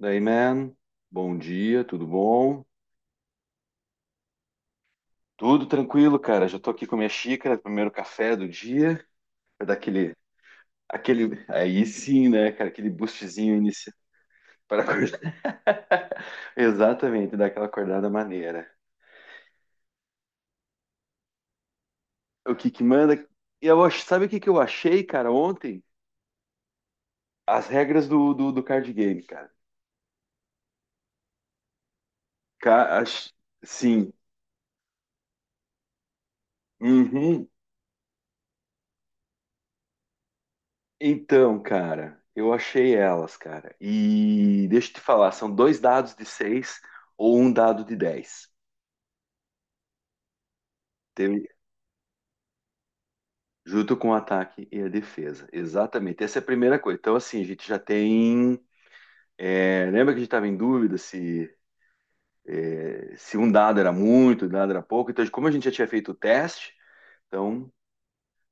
Daí, man, bom dia, tudo bom? Tudo tranquilo, cara. Já tô aqui com a minha xícara, primeiro café do dia, pra dar aquele, aí sim, né, cara, aquele boostzinho inicial para acordar. Exatamente, dar aquela acordada maneira. O que que manda? E sabe o que que eu achei, cara, ontem? As regras do card game, cara. Ca- ach- Sim. Uhum. Então, cara, eu achei elas, cara. E deixa eu te falar, são dois dados de 6 ou um dado de 10. Teve- Junto com o ataque e a defesa. Exatamente. Essa é a primeira coisa. Então, assim, a gente já tem. Lembra que a gente estava em dúvida se, se um dado era muito, um dado era pouco. Então, como a gente já tinha feito o teste, então,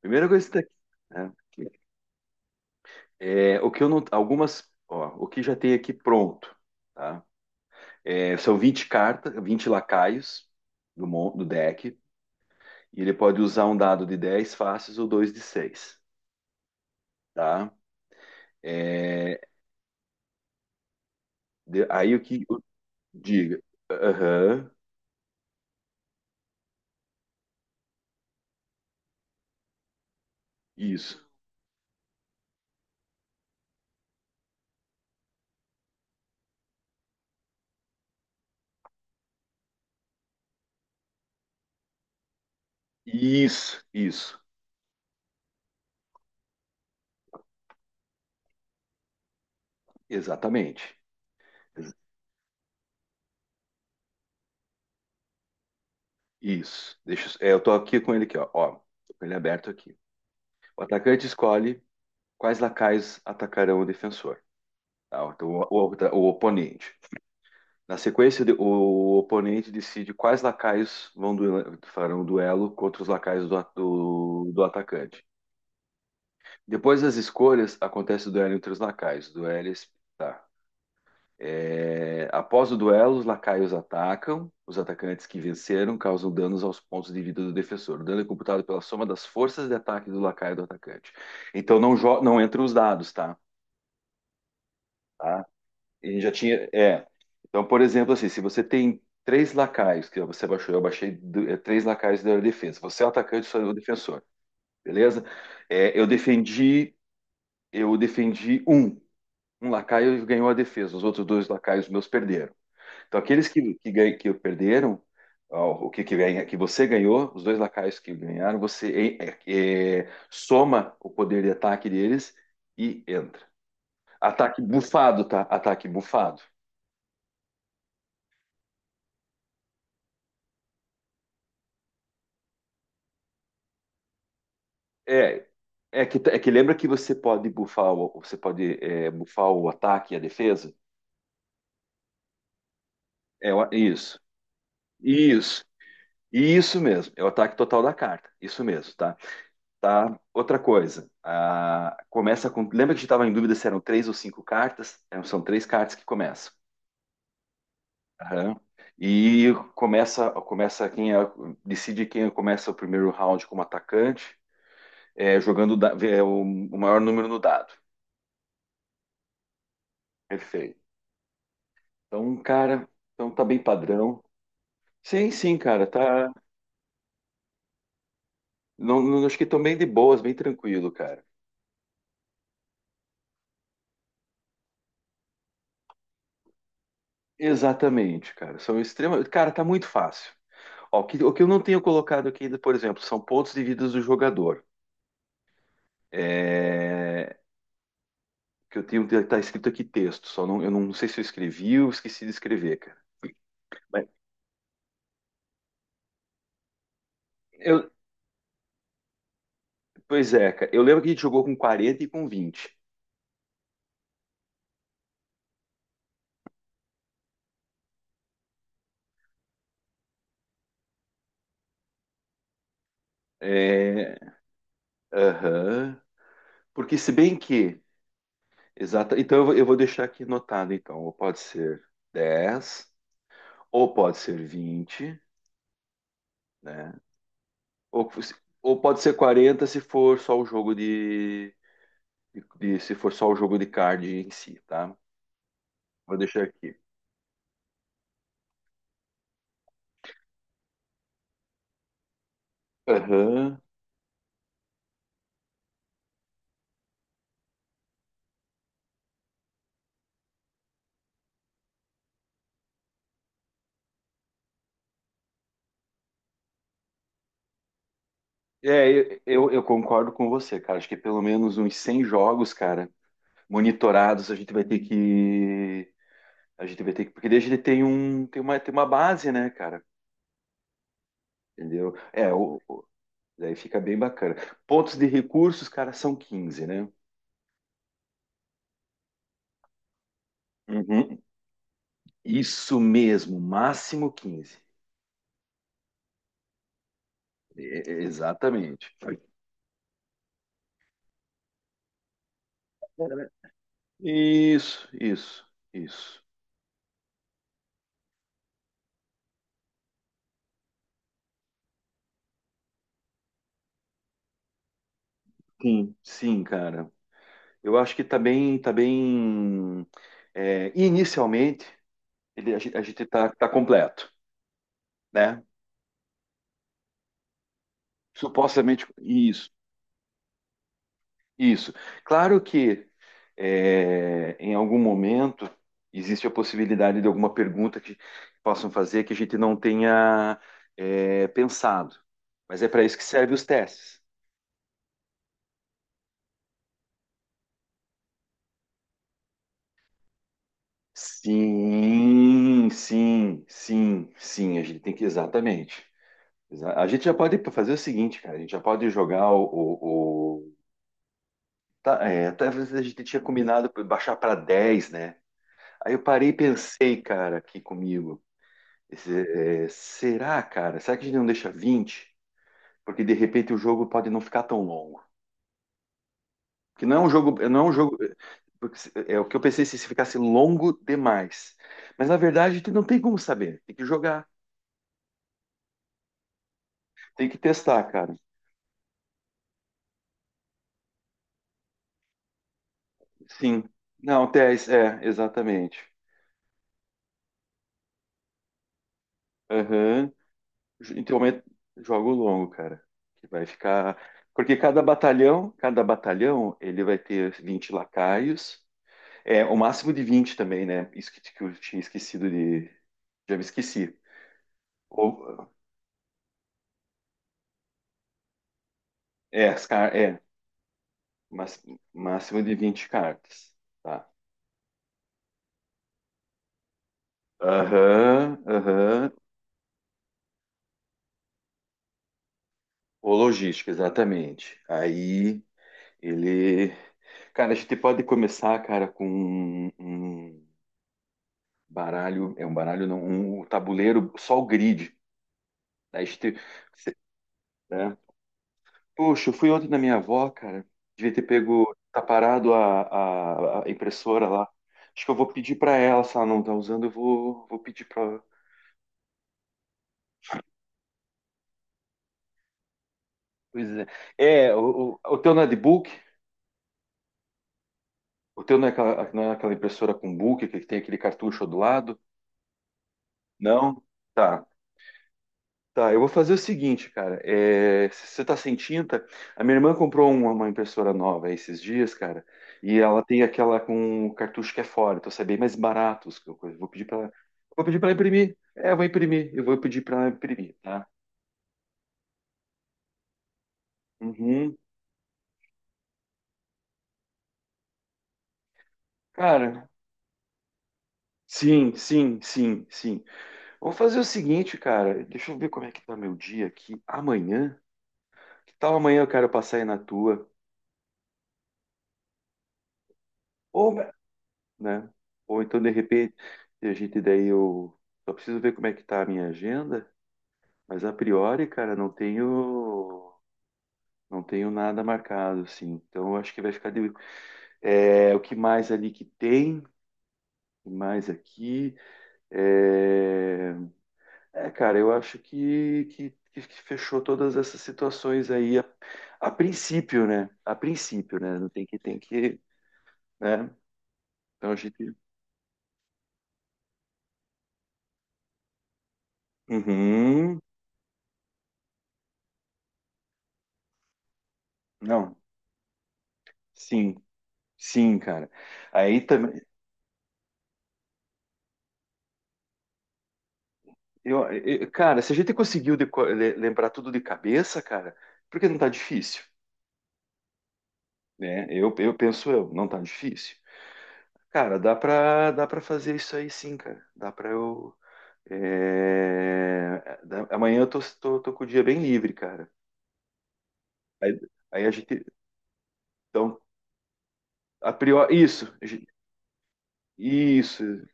primeira coisa que tá aqui, né? O que eu não. Algumas. Ó, o que já tem aqui pronto, tá? É, são 20 cartas, 20 lacaios do deck, e ele pode usar um dado de 10 faces ou dois de 6, tá? É, aí diga? Aham, isso, isso, exatamente. Isso. Eu tô aqui com ele aqui, ó. Ó, tô com ele aberto aqui. O atacante escolhe quais lacaios atacarão o defensor. Tá? Então, o oponente. Na sequência, o oponente decide quais lacaios farão o duelo contra os lacaios do atacante. Depois das escolhas, acontece o duelo entre os lacaios. Duelo, tá. É, após o duelo, os lacaios atacam. Os atacantes que venceram causam danos aos pontos de vida do defensor. O dano é computado pela soma das forças de ataque do lacaio e do atacante. Então não, não entra os dados, tá? Tá? E já tinha. É. Então, por exemplo, assim, se você tem três lacaios, que você baixou, eu baixei três lacaios da defesa. Você é o atacante, eu sou o defensor, beleza? É, eu defendi um. Um lacaio ganhou a defesa, os outros dois lacaios meus perderam. Então, aqueles que perderam, ó, o que, que, ganha, que você ganhou, os dois lacaios que ganharam, você soma o poder de ataque deles e entra. Ataque bufado, tá? Ataque bufado. É, é que lembra que você pode bufar o, você pode bufar o ataque e a defesa? Isso, isso, isso mesmo. É o ataque total da carta, isso mesmo, tá? Tá. Outra coisa, começa com. Lembra que a gente estava em dúvida se eram três ou cinco cartas? É, são três cartas que começam. Aham. E começa quem decide quem começa o primeiro round como atacante, é, jogando da- é, o maior número no dado. Perfeito. Então, cara, então tá bem padrão. Sim, sim, cara, tá. Não, acho que estão bem de boas, bem tranquilo, cara. Exatamente, cara. São extremamente. Cara, tá muito fácil. Ó, o que eu não tenho colocado aqui, ainda, por exemplo, são pontos de vida do jogador. É... Que eu tenho. Tá escrito aqui texto, só não, eu não sei se eu escrevi ou esqueci de escrever, cara. Mas eu... Pois é, cara. Eu lembro que a gente jogou com 40 e com 20. É... Aham. Porque, se bem que. Exata Então eu vou deixar aqui anotado, então. Ou pode ser 10 ou pode ser 20, né? Ou, se- ou pode ser 40 se for só o jogo de, se for só o jogo de card em si, tá? Vou deixar aqui. Aham. É, eu concordo com você, cara. Acho que pelo menos uns 100 jogos, cara, monitorados, a gente vai ter que. A gente vai ter que. Porque desde ele tem um, tem uma base, né, cara? Entendeu? É, o, daí fica bem bacana. Pontos de recursos, cara, são 15, né? Uhum. Isso mesmo, máximo 15. É, Exatamente. Isso, isso, isso. Sim, sim, cara. Eu acho que tá bem, tá bem. Inicialmente, ele, a gente tá completo, né? Supostamente isso. Isso. Claro que em algum momento existe a possibilidade de alguma pergunta que possam fazer que a gente não tenha pensado. Mas é para isso que servem os testes. Sim, sim, sim, sim. A gente tem que exatamente. A gente já pode fazer o seguinte, cara. A gente já pode jogar tá, talvez a gente tinha combinado pra baixar para 10, né? Aí eu parei e pensei, cara, aqui comigo. Esse- será, cara? Será que a gente não deixa 20? Porque de repente o jogo pode não ficar tão longo. Que não é um jogo, não é um jogo. Eh, porque se- eh, É o que eu pensei se ficasse longo demais. Mas na verdade a gente não tem como saber. Tem que jogar, tem que testar, cara. Sim. Não, exatamente. Aham. Então, jogo longo, cara. Que vai ficar. Porque cada batalhão, ele vai ter 20 lacaios. É, o máximo de 20 também, né? Isso que eu tinha esquecido de. Já me esqueci. Ou, as car, mas, máximo de 20 cartas. Tá. Aham, aham. O logística, exatamente. Aí ele. Cara, a gente pode começar, cara, com um baralho. É um baralho, não. Um tabuleiro, só o grid. Aí a gente. Poxa, eu fui ontem na minha avó, cara. Devia ter pego. Tá parado a impressora lá. Acho que eu vou pedir pra ela, se ela não tá usando, vou pedir pra. Pois é. É, o teu não é de book? O teu não é aquela, não é aquela impressora com book que tem aquele cartucho do lado? Não? Tá. Tá, eu vou fazer o seguinte, cara. É, se você tá sem tinta, a minha irmã comprou uma impressora nova esses dias, cara, e ela tem aquela com o cartucho que é fora, então sai bem mais barato. Os que eu vou pedir pra imprimir. É, eu vou imprimir, eu vou pedir pra imprimir, tá? Uhum. Cara, sim, sim, sim, sim. Vamos fazer o seguinte, cara. Deixa eu ver como é que tá meu dia aqui. Amanhã? Que tal amanhã eu quero passar aí na tua? Ou, né? Ou então, de repente, a gente daí eu só preciso ver como é que tá a minha agenda, mas a priori, cara, não tenho nada marcado, assim. Então, eu acho que vai ficar de o que mais ali que tem, o que mais aqui. É, cara, eu acho que fechou todas essas situações aí a princípio, né? A princípio, né? Não tem que tem que, né? Então a gente. Uhum. Não, sim. Sim, cara. Aí também. Cara, se a gente conseguiu lembrar tudo de cabeça, cara, porque não tá difícil, né? Eu penso eu, não tá difícil. Cara, dá pra fazer isso aí sim, cara. Dá pra eu. Amanhã eu tô com o dia bem livre, cara. Aí, aí a gente. Então, a priori. Isso, isso.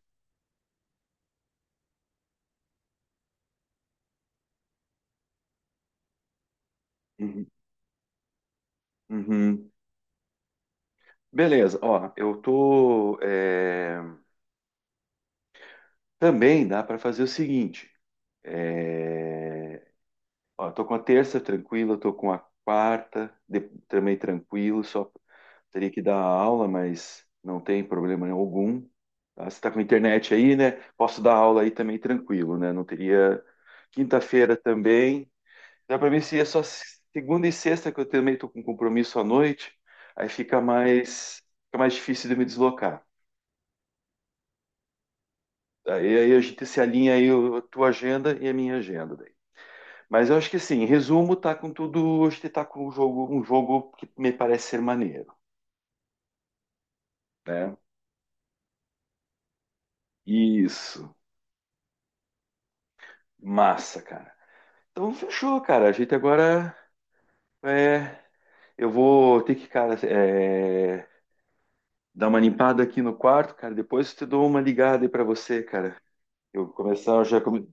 Uhum, uhum. Beleza, ó, eu tô. Também dá pra fazer o seguinte. É... Ó, tô com a terça tranquila, tô com a quarta também tranquilo, só teria que dar aula, mas não tem problema algum. Tá? Você tá com internet aí, né? Posso dar aula aí também tranquilo, né? Não teria. Quinta-feira também. Dá para mim se é só segunda e sexta que eu também tô com compromisso à noite, aí fica mais difícil de me deslocar. Aí a gente se alinha aí a tua agenda e a minha agenda. Mas eu acho que assim, em resumo, tá com tudo. Acho que tá com um jogo que me parece ser maneiro, né? Isso. Massa, cara. Então fechou, cara. A gente agora é, eu vou ter que, cara, dar uma limpada aqui no quarto, cara. Depois eu te dou uma ligada aí pra você, cara. Eu começar eu já.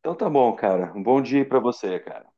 Então tá bom, cara. Um bom dia aí pra você, cara.